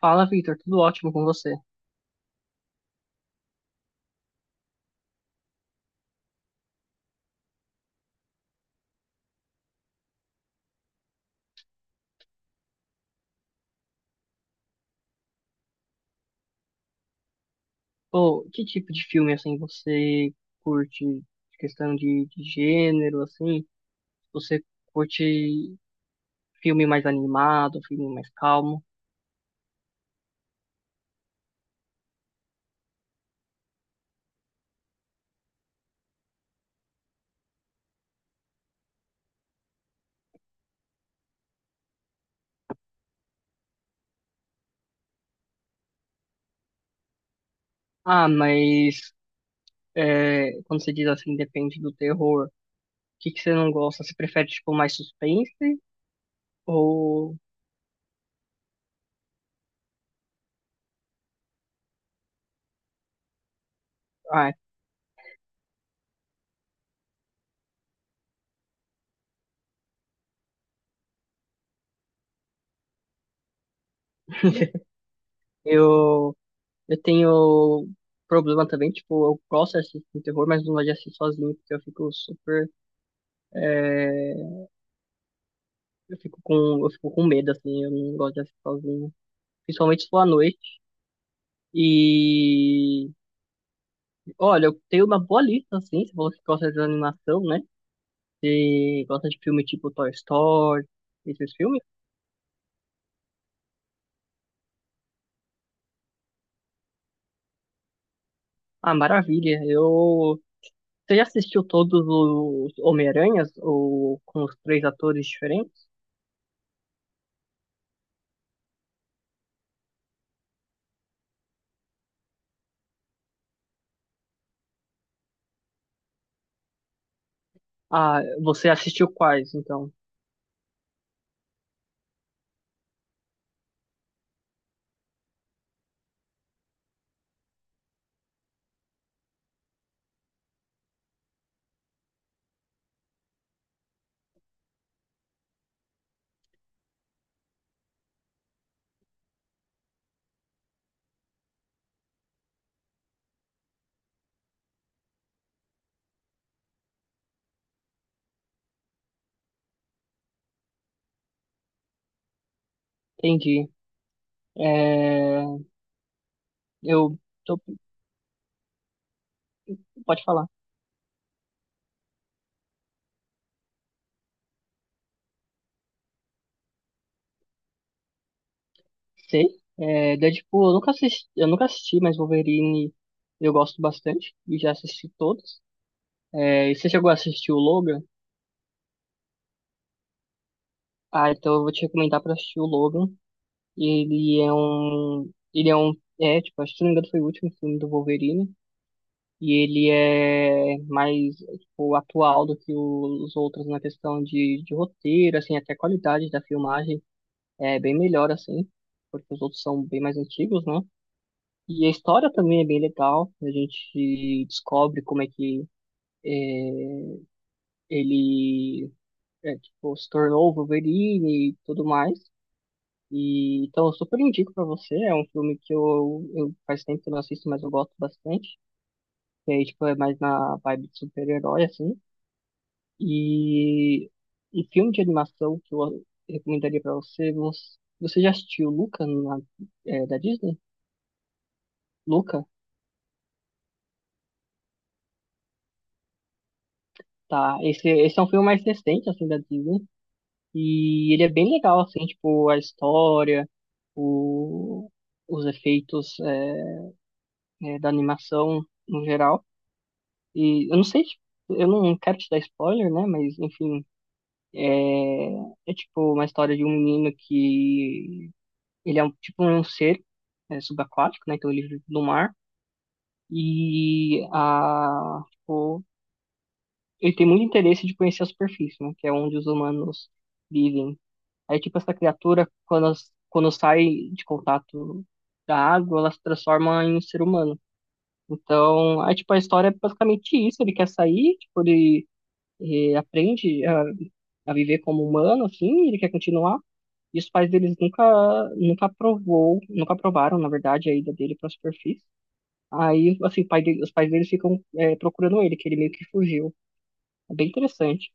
Fala, Victor, tudo ótimo com você? Pô, que tipo de filme, assim, você curte? Questão de gênero, assim? Você curte filme mais animado, filme mais calmo? Ah, mas é, quando você diz assim, depende do terror, o que que você não gosta? Você prefere, tipo, mais suspense? Ou... Ah, eu, eu tenho problema também, tipo, eu gosto de assistir terror, mas não gosto de assistir sozinho, porque eu fico super é, Eu fico com, eu fico com medo, assim, eu não gosto de assistir sozinho. Principalmente se for à noite. E olha, eu tenho uma boa lista, assim, se você gosta de animação, né? Se gosta de filme tipo Toy Story, esses filmes. Ah, maravilha. Eu. Você já assistiu todos os Homem-Aranhas, ou com os três atores diferentes? Ah, você assistiu quais, então? Entendi. É... Eu. tô- Pode falar. Sei. É, Deadpool, eu nunca assisti, mas Wolverine eu gosto bastante e já assisti todos. É, e você chegou a assistir o Logan? Ah, então eu vou te recomendar pra assistir o Logan. Ele é um, é, tipo, acho que se não me engano foi o último filme do Wolverine. E ele é mais, tipo, atual do que os outros na questão de roteiro, assim, até a qualidade da filmagem é bem melhor, assim, porque os outros são bem mais antigos, né? E a história também é bem legal. A gente descobre como é que é, ele é, tipo, se tornou o Wolverine e tudo mais. E então eu super indico pra você. É um filme que eu faz tempo que eu não assisto, mas eu gosto bastante. E aí, tipo, é mais na vibe de super-herói, assim. E um filme de animação que eu recomendaria pra você. Você já assistiu Luca é, da Disney? Luca? Tá. Esse é um filme mais recente, assim, da Disney. E ele é bem legal, assim, tipo, a história, o, os efeitos é, é, da animação no geral. E eu não sei, tipo, eu não quero te dar spoiler, né? Mas, enfim, é, é tipo uma história de um menino que ele é um, tipo um ser é, subaquático, né? Então ele vive no mar. E a, tipo, ele tem muito interesse de conhecer a superfície, né? Que é onde os humanos vivem. Aí, tipo, essa criatura, quando, quando sai de contato da água, ela se transforma em um ser humano. Então, aí, tipo, a história é basicamente isso. Ele quer sair, tipo, ele, eh, aprende a viver como humano, assim, ele quer continuar. E os pais deles nunca, nunca aprovou, nunca aprovaram, na verdade, a ida dele para a superfície. Aí, assim, os pais deles ficam, eh, procurando ele, que ele meio que fugiu. É bem interessante.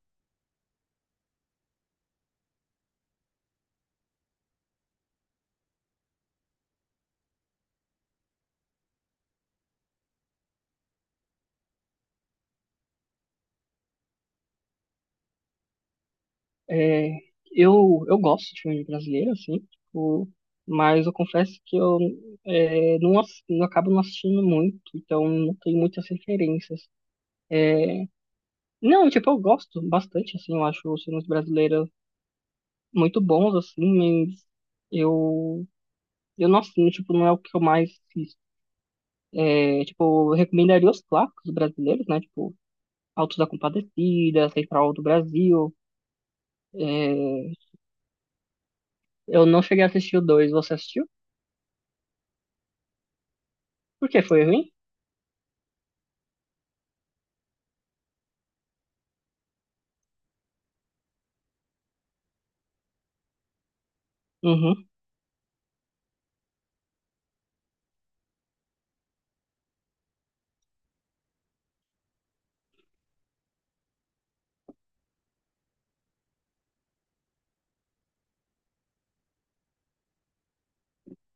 É, eu gosto de filme brasileiro, assim, tipo, mas eu confesso que eu é, não, não acabo não assistindo muito, então não tenho muitas referências. É, não, tipo, eu gosto bastante, assim, eu acho os filmes brasileiros muito bons, assim, mas eu, eu não assino, tipo, não é o que eu mais assisto. É, tipo, eu recomendaria os clássicos brasileiros, né, tipo, Autos da Compadecida, Central do Brasil. É, eu não cheguei a assistir o dois, você assistiu? Por que foi ruim? Uhum.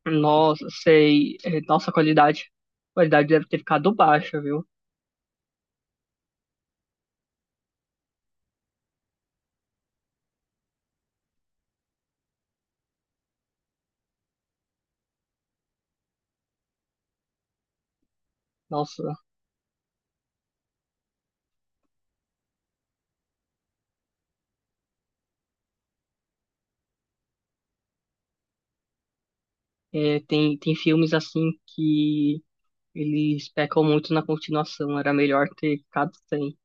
Nossa, sei. É, nossa, a qualidade deve ter ficado baixa, viu? Nossa, é, tem filmes assim que eles pecam muito na continuação. Era melhor ter ficado sem.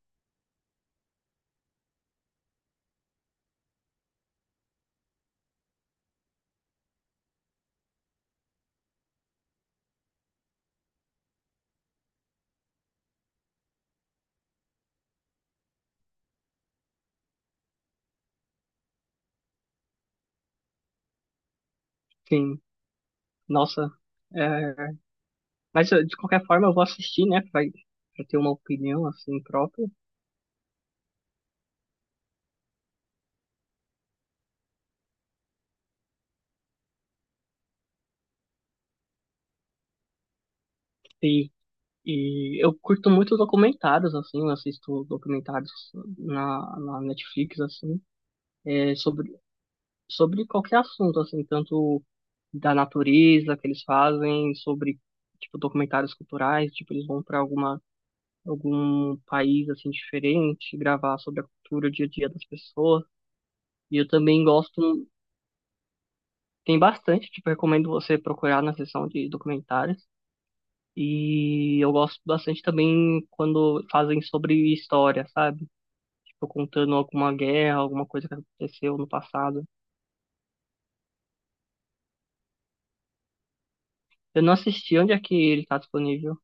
Sim, nossa. É, mas eu, de qualquer forma eu vou assistir, né? Pra ter uma opinião assim própria. E, e eu curto muito documentários, assim, eu assisto documentários na Netflix, assim, é, sobre qualquer assunto, assim, tanto. Da natureza que eles fazem, sobre tipo documentários culturais, tipo eles vão para alguma algum país assim diferente, gravar sobre a cultura, o dia a dia das pessoas. E eu também gosto, tem bastante, tipo, recomendo você procurar na seção de documentários. E eu gosto bastante também quando fazem sobre história, sabe? Tipo, contando alguma guerra, alguma coisa que aconteceu no passado. Eu não assisti, onde é que ele tá disponível?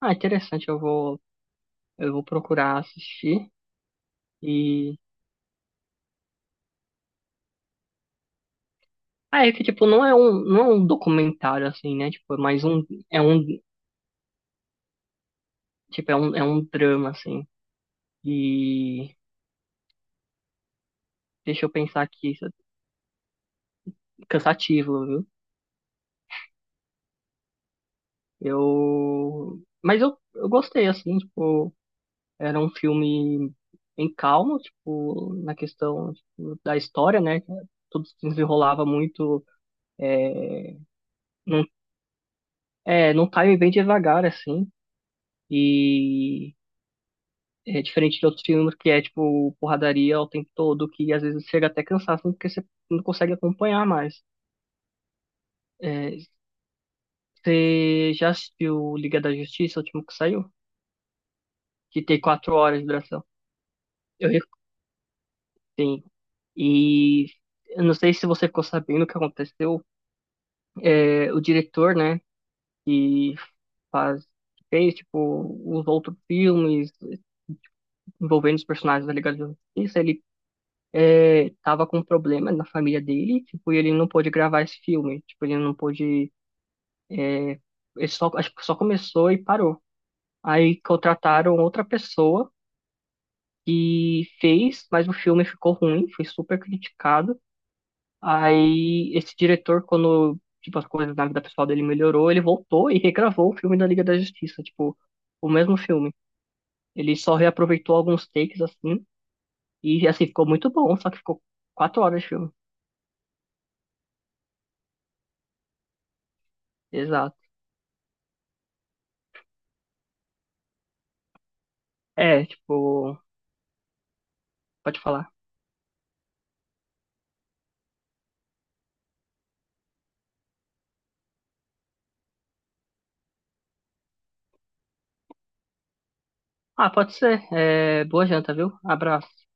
Ah, interessante, eu vou procurar assistir. E ah, é que, tipo, não é um documentário, assim, né? Tipo, é mais um, é um, tipo, é um drama, assim. E deixa eu pensar aqui, isso é cansativo, viu? Eu, mas eu gostei, assim, tipo, era um filme em calmo, tipo, na questão, tipo, da história, né? Tudo se desenrolava muito, é, num, é, num time bem devagar, assim. E é diferente de outros filmes que é, tipo, porradaria o tempo todo, que às vezes chega até cansaço, porque você não consegue acompanhar mais. É, você já assistiu Liga da Justiça, o último que saiu? Que tem 4 horas de duração. Eu recomendo. E eu não sei se você ficou sabendo o que aconteceu. É, o diretor, né, que faz, que fez, tipo, os outros filmes envolvendo os personagens da Liga da Justiça, ele é, tava com um problema na família dele, tipo, e ele não pôde gravar esse filme, tipo, ele não pôde, é, ele só, acho que só começou e parou. Aí contrataram outra pessoa e fez, mas o filme ficou ruim, foi super criticado. Aí esse diretor, quando, tipo, as coisas na vida pessoal dele melhorou, ele voltou e regravou o filme da Liga da Justiça, tipo, o mesmo filme. Ele só reaproveitou alguns takes, assim, e, assim, ficou muito bom, só que ficou 4 horas de filme. Exato. É, tipo, Pode falar. Ah, pode ser. É, boa janta, viu? Abraço.